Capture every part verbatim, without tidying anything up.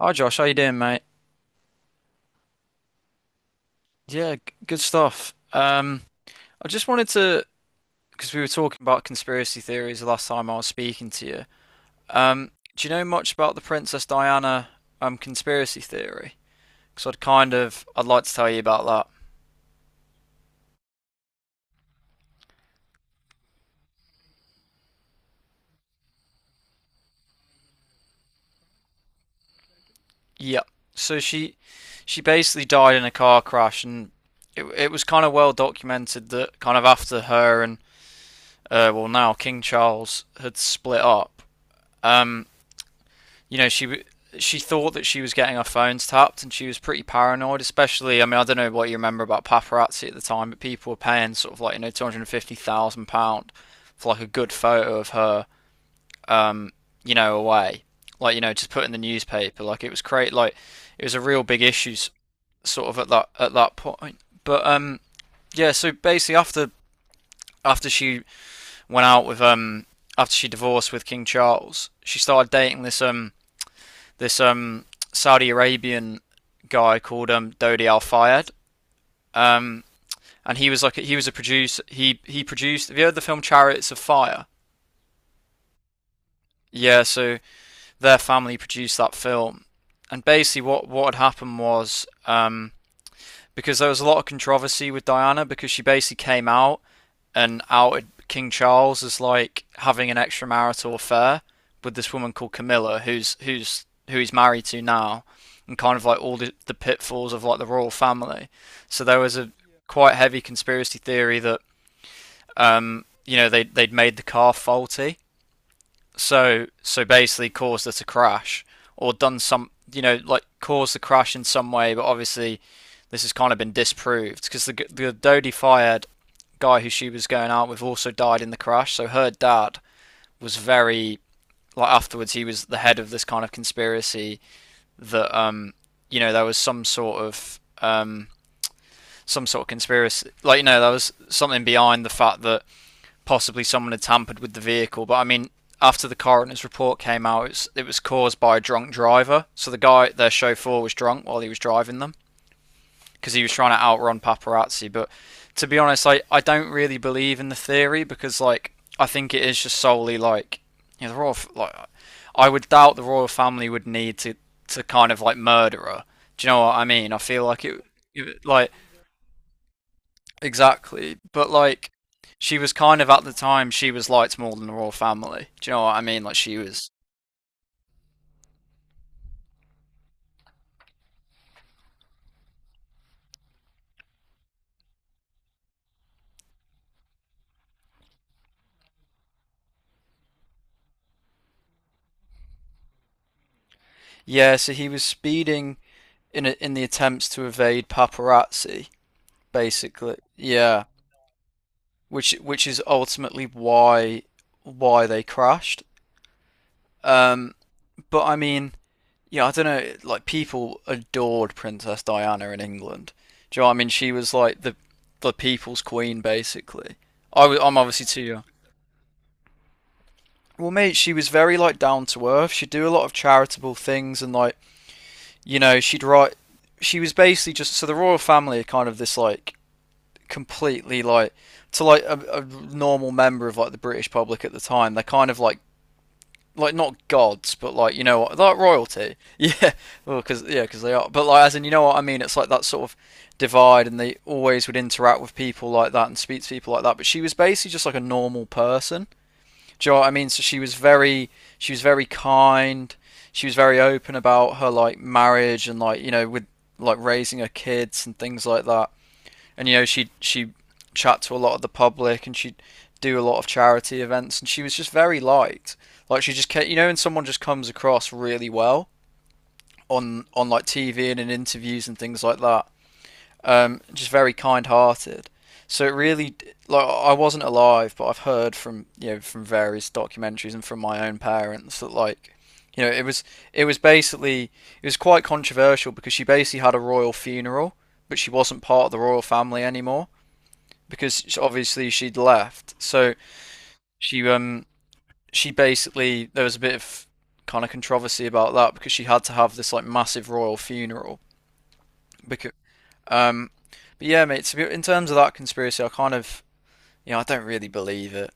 Hi Josh, how you doing, mate? Yeah, g- good stuff. Um, I just wanted to, because we were talking about conspiracy theories the last time I was speaking to you. Um, do you know much about the Princess Diana um conspiracy theory? Because I'd kind of, I'd like to tell you about that. Yeah. So she, she basically died in a car crash, and it it was kind of well documented that kind of after her and uh, well, now King Charles had split up. Um, you know, she she thought that she was getting her phones tapped, and she was pretty paranoid. Especially, I mean, I don't know what you remember about paparazzi at the time, but people were paying sort of like you know two hundred and fifty thousand pound for like a good photo of her, um, you know, away, like you know, just put in the newspaper. Like it was great. Like it was a real big issue, sort of at that at that point. But um, yeah. So basically, after after she went out with um after she divorced with King Charles, she started dating this um this um, Saudi Arabian guy called um, Dodi Al Fayed, um, and he was like he was a producer. He he produced. Have you heard the film Chariots of Fire? Yeah, so their family produced that film, and basically what what had happened was um, because there was a lot of controversy with Diana because she basically came out and outed King Charles as like having an extramarital affair with this woman called Camilla, who's who's who he's married to now, and kind of like all the, the pitfalls of like the royal family. So there was a quite heavy conspiracy theory that um, you know they they'd made the car faulty so so basically caused her to crash, or done some you know like caused the crash in some way, but obviously this has kind of been disproved because the the Dodie fired guy who she was going out with also died in the crash. So her dad was very like afterwards he was the head of this kind of conspiracy that um you know there was some sort of um some sort of conspiracy, like you know there was something behind the fact that possibly someone had tampered with the vehicle. But I mean, after the coroner's report came out, it was, it was caused by a drunk driver. So the guy, their chauffeur, was drunk while he was driving them because he was trying to outrun paparazzi. But to be honest, I, I don't really believe in the theory because like I think it is just solely like you know the royal like I would doubt the royal family would need to to kind of like murder her. Do you know what I mean? I feel like it, it like exactly. But like she was kind of at the time she was liked more than the royal family. Do you know what I mean? Like she was. Yeah, so he was speeding in a, in the attempts to evade paparazzi, basically. Yeah. Which which is ultimately why why they crashed. Um but I mean, yeah, I don't know, like people adored Princess Diana in England. Do you know what I mean? She was like the the people's queen basically. I was, I'm obviously too young. Well, mate, she was very like down to earth. She'd do a lot of charitable things, and like you know, she'd write. She was basically just so the royal family are kind of this like completely like to like a, a normal member of like the British public at the time. They're kind of like like not gods, but like you know what, like royalty. Yeah, well, because yeah, cause they are. But like as in you know what I mean. It's like that sort of divide, and they always would interact with people like that and speak to people like that. But she was basically just like a normal person. Do you know what I mean? So she was very, she was very kind. She was very open about her like marriage and like you know with like raising her kids and things like that. And you know she she chat to a lot of the public, and she'd do a lot of charity events, and she was just very liked. Like she just kept, you know, and someone just comes across really well on on like T V and in interviews and things like that, um, just very kind-hearted. So it really, like, I wasn't alive, but I've heard from you know from various documentaries and from my own parents that like, you know, it was it was basically it was quite controversial because she basically had a royal funeral, but she wasn't part of the royal family anymore because obviously she'd left. So she um she basically there was a bit of kind of controversy about that because she had to have this like massive royal funeral because um, but yeah, mate. So in terms of that conspiracy, I kind of, you know, I don't really believe it.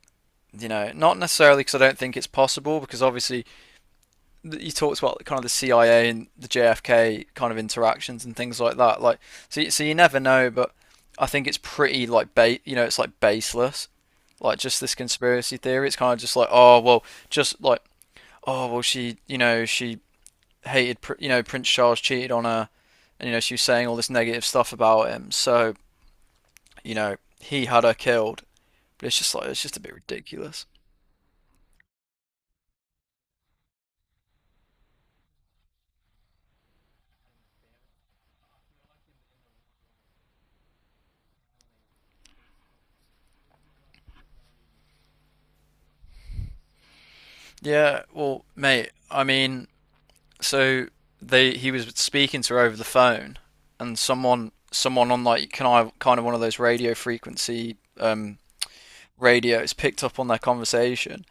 You know, not necessarily because I don't think it's possible. Because obviously, you talked about kind of the C I A and the J F K kind of interactions and things like that. Like, so you- so you never know, but I think it's pretty like ba- you know, it's like baseless. Like just this conspiracy theory. It's kind of just like, oh well, just like, oh well, she, you know, she hated, you know, Prince Charles cheated on her, and you know, she was saying all this negative stuff about him. So you know, he had her killed. But it's just like it's just a bit ridiculous. Yeah, well, mate, I mean, so they he was speaking to her over the phone, and someone someone on like can I kind of one of those radio frequency um, radios picked up on their conversation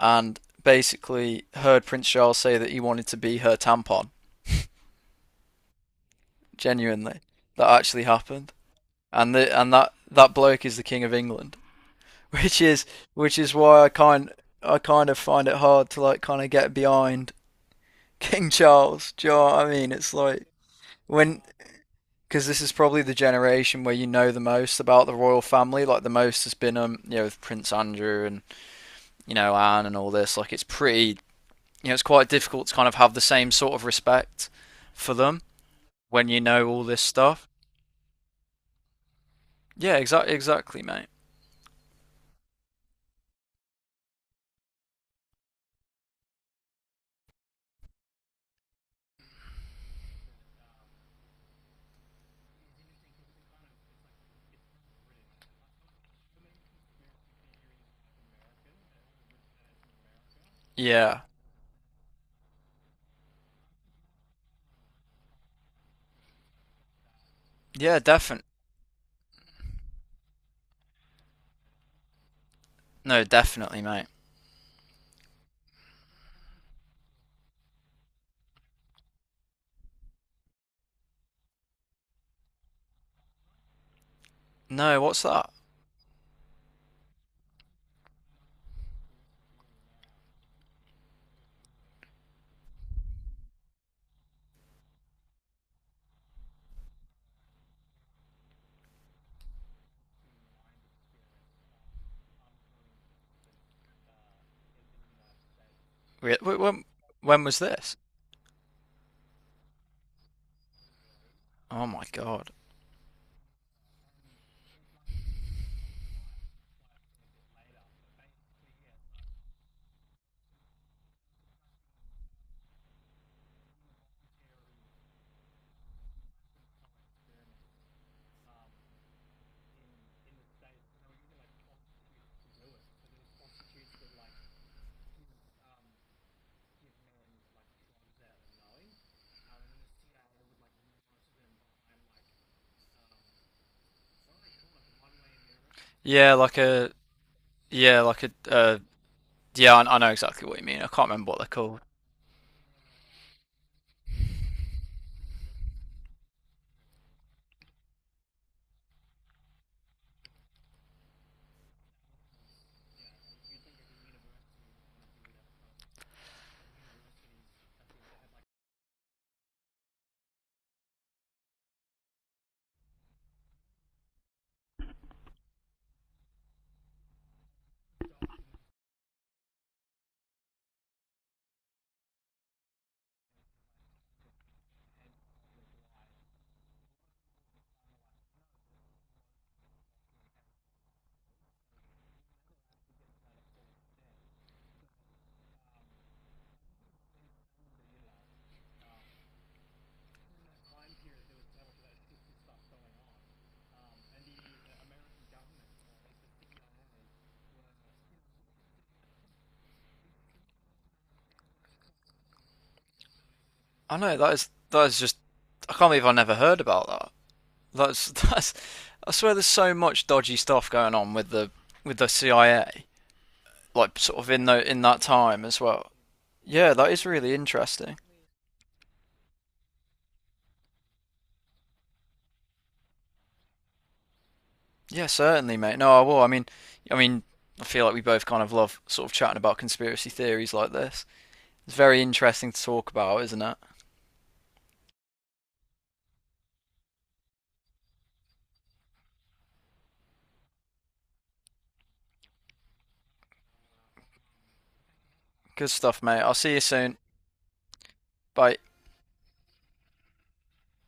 and basically heard Prince Charles say that he wanted to be her tampon. Genuinely, that actually happened, and the, and that that bloke is the king of England. which is which is why I kind I kind of find it hard to like kind of get behind King Charles. Do you know what I mean? It's like when, because this is probably the generation where you know the most about the royal family. Like the most has been um you know with Prince Andrew and you know Anne and all this. Like it's pretty you know it's quite difficult to kind of have the same sort of respect for them when you know all this stuff. Yeah, exactly, exactly, mate. Yeah, yeah, definitely. No, definitely, mate. No, what's that? Re- wh- When when was this? Oh my God. Yeah, like a yeah, like a uh, yeah. I, I know exactly what you mean. I can't remember what they're called. I know that is that is just. I can't believe I never heard about that. That's that's. I swear, there's so much dodgy stuff going on with the with the C I A, like sort of in the in that time as well. Yeah, that is really interesting. Yeah, certainly, mate. No, I will. I mean, I mean, I feel like we both kind of love sort of chatting about conspiracy theories like this. It's very interesting to talk about, isn't it? Good stuff, mate. I'll see you soon. Bye.